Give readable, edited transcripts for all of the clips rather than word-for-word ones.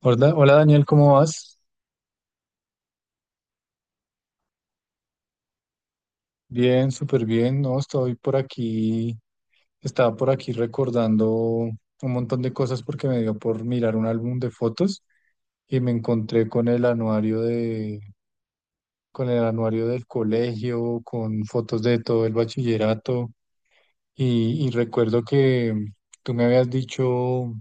Hola, hola Daniel, ¿cómo vas? Bien, súper bien, ¿no? Estoy por aquí, estaba por aquí recordando un montón de cosas porque me dio por mirar un álbum de fotos y me encontré con el anuario con el anuario del colegio, con fotos de todo el bachillerato. Y recuerdo que tú me habías dicho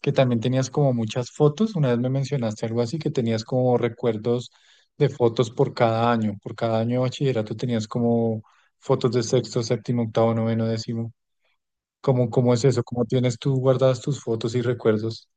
que también tenías como muchas fotos. Una vez me mencionaste algo así, que tenías como recuerdos de fotos por cada año. Por cada año de bachillerato tenías como fotos de sexto, séptimo, octavo, noveno, décimo. ¿Cómo es eso? ¿Cómo tienes tú guardadas tus fotos y recuerdos?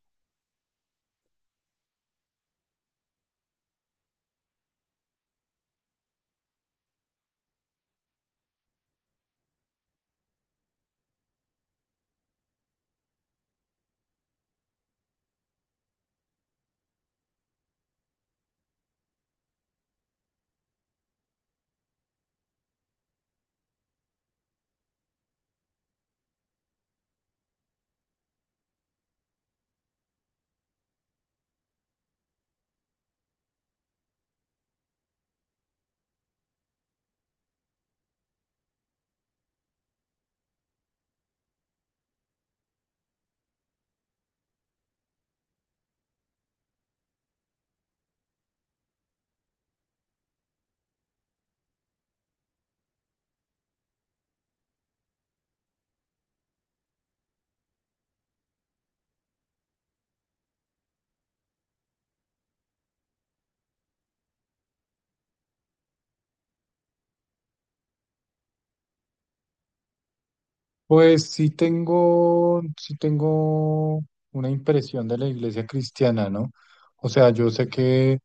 Sí tengo una impresión de la iglesia cristiana, ¿no? O sea, yo sé que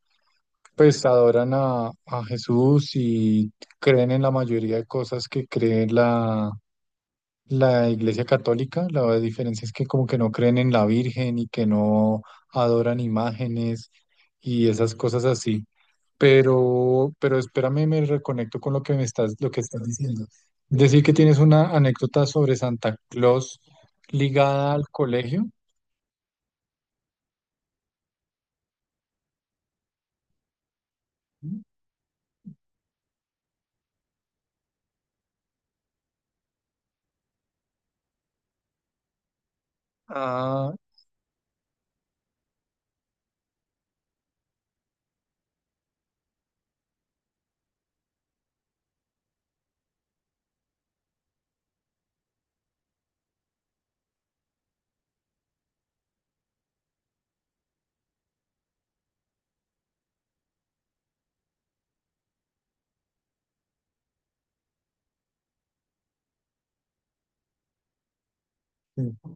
pues adoran a Jesús y creen en la mayoría de cosas que cree la Iglesia Católica. La diferencia es que como que no creen en la Virgen y que no adoran imágenes y esas cosas así. Pero espérame, me reconecto con lo que me lo que estás diciendo. Decir que tienes una anécdota sobre Santa Claus ligada al colegio. Ah, sí.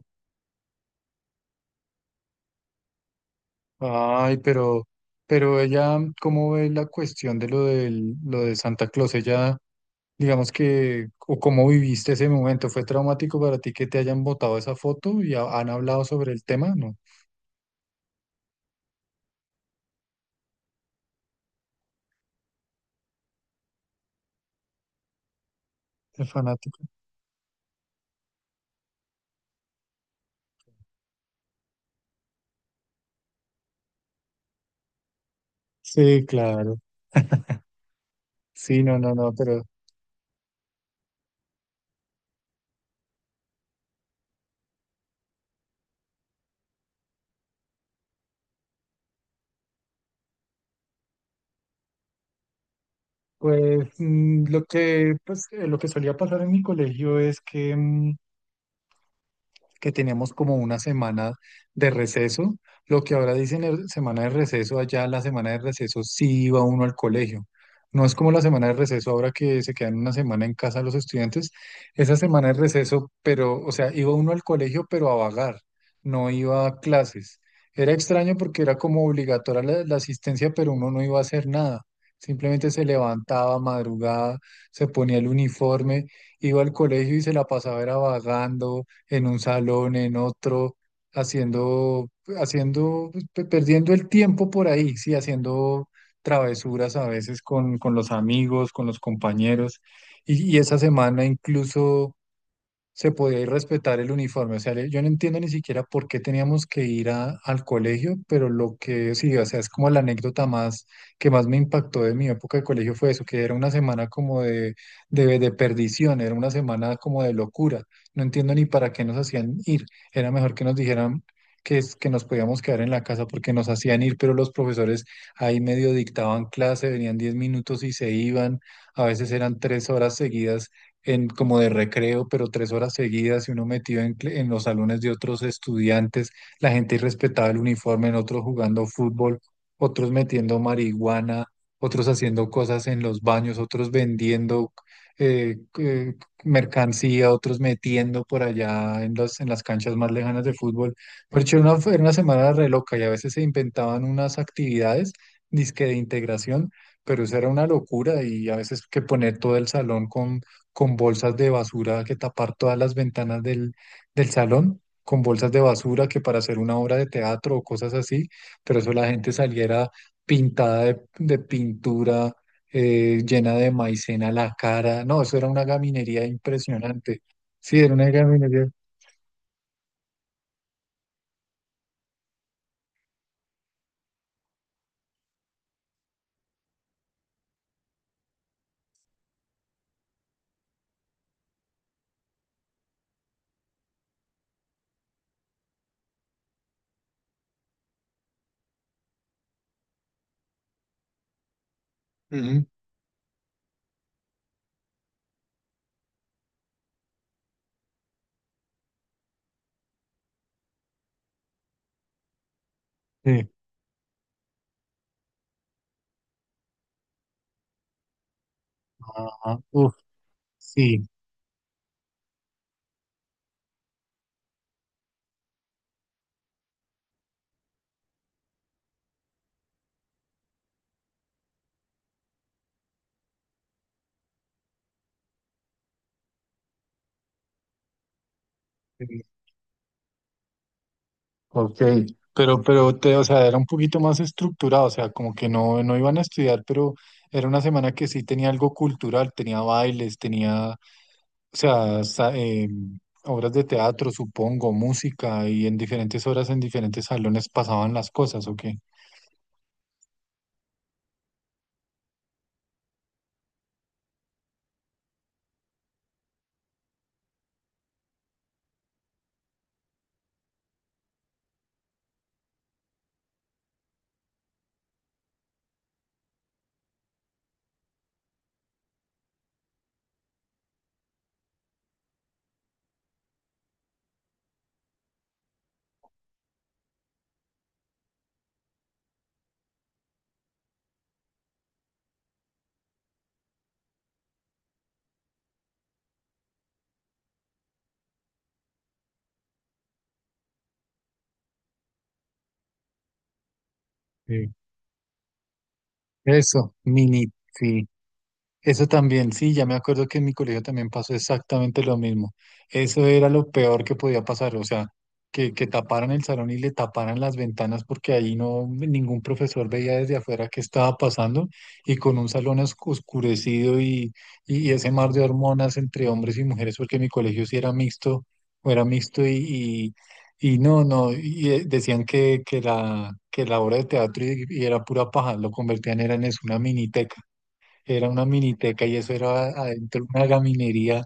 Ay, pero ella, ¿cómo ve la cuestión de lo lo de Santa Claus? Ella, digamos que, o cómo viviste ese momento, ¿fue traumático para ti que te hayan botado esa foto y han hablado sobre el tema? ¿No? ¿El fanático? Sí, claro. Sí, no, no, no, pero pues lo que, pues, lo que solía pasar en mi colegio es que que teníamos como una semana de receso. Lo que ahora dicen es semana de receso, allá la semana de receso sí iba uno al colegio. No es como la semana de receso ahora que se quedan una semana en casa los estudiantes. Esa semana de receso, pero, o sea, iba uno al colegio, pero a vagar, no iba a clases. Era extraño porque era como obligatoria la asistencia, pero uno no iba a hacer nada. Simplemente se levantaba madrugada, se ponía el uniforme, iba al colegio y se la pasaba era vagando, en un salón, en otro, haciendo, pues, perdiendo el tiempo por ahí, sí, haciendo travesuras a veces con los amigos, con los compañeros. Y esa semana incluso se podía ir respetar el uniforme. O sea, yo no entiendo ni siquiera por qué teníamos que al colegio, pero lo que sí, o sea, es como la anécdota más que más me impactó de mi época de colegio fue eso, que era una semana como de perdición, era una semana como de locura. No entiendo ni para qué nos hacían ir. Era mejor que nos dijeran que nos podíamos quedar en la casa porque nos hacían ir, pero los profesores ahí medio dictaban clase, venían 10 minutos y se iban. A veces eran tres horas seguidas como de recreo, pero tres horas seguidas y uno metido en los salones de otros estudiantes, la gente irrespetaba el uniforme, en otros jugando fútbol, otros metiendo marihuana, otros haciendo cosas en los baños, otros vendiendo eh, eh, mercancía, otros metiendo por allá en en las canchas más lejanas de fútbol. Pero era era una semana re loca y a veces se inventaban unas actividades, dizque de integración, pero eso era una locura y a veces que poner todo el salón con bolsas de basura, que tapar todas las ventanas del salón, con bolsas de basura, que para hacer una obra de teatro o cosas así, pero eso la gente saliera pintada de pintura, llena de maicena la cara, no, eso era una gaminería impresionante, sí, era una gaminería. Ujú. Sí. Ajá, uf, sí. Ok, pero te, o sea, era un poquito más estructurado, o sea, como que no, no iban a estudiar, pero era una semana que sí tenía algo cultural, tenía bailes, tenía, o sea, obras de teatro, supongo, música, y en diferentes horas, en diferentes salones pasaban las cosas, ¿o qué? Sí. Eso, mini, eso también, sí, ya me acuerdo que en mi colegio también pasó exactamente lo mismo. Eso era lo peor que podía pasar, o sea, que taparan el salón y le taparan las ventanas porque ahí no ningún profesor veía desde afuera qué estaba pasando y con un salón oscurecido y ese mar de hormonas entre hombres y mujeres, porque mi colegio sí era mixto o era mixto y no, no, y decían que que la obra de teatro y era pura paja, lo convertían era en eso, una miniteca, era una miniteca y eso era adentro una gaminería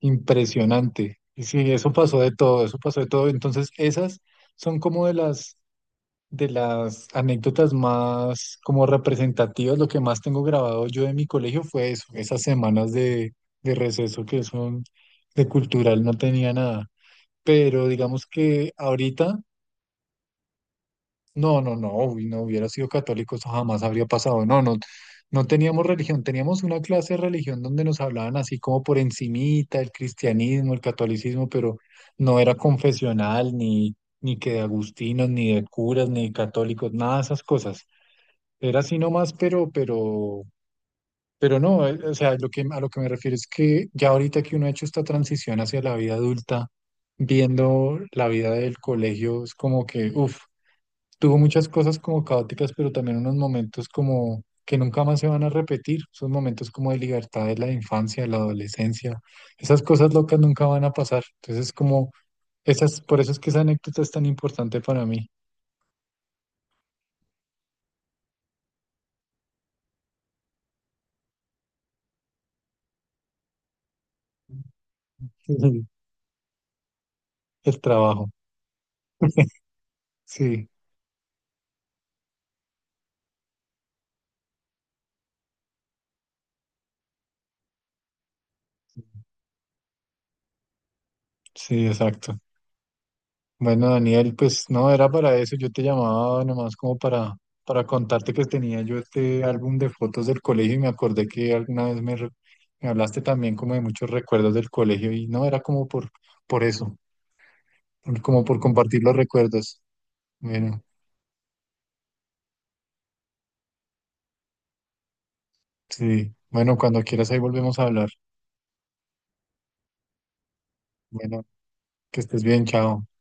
impresionante. Y sí, eso pasó de todo, eso pasó de todo. Entonces, esas son como de las anécdotas más como representativas. Lo que más tengo grabado yo de mi colegio fue eso, esas semanas de receso que son de cultural, no tenía nada. Pero digamos que ahorita no, no, no, uy, no hubiera sido católico, eso jamás habría pasado. No, no, no teníamos religión, teníamos una clase de religión donde nos hablaban así como por encimita, el cristianismo, el catolicismo, pero no era confesional, ni que de agustinos, ni de curas, ni de católicos, nada de esas cosas. Era así nomás, pero no, o sea, lo que, a lo que me refiero es que ya ahorita que uno ha hecho esta transición hacia la vida adulta, viendo la vida del colegio, es como que, uff. Tuvo muchas cosas como caóticas, pero también unos momentos como que nunca más se van a repetir. Esos momentos como de libertad de la infancia, de la adolescencia. Esas cosas locas nunca van a pasar. Entonces, como esas, por eso es que esa anécdota es tan importante para mí. El trabajo. Sí, sí, exacto. Bueno, Daniel, pues no era para eso, yo te llamaba nomás como para contarte que tenía yo este álbum de fotos del colegio y me acordé que alguna vez me, me hablaste también como de muchos recuerdos del colegio y no era como por eso, como por compartir los recuerdos. Bueno, sí, bueno, cuando quieras ahí volvemos a hablar. Bueno, que estés bien, chao.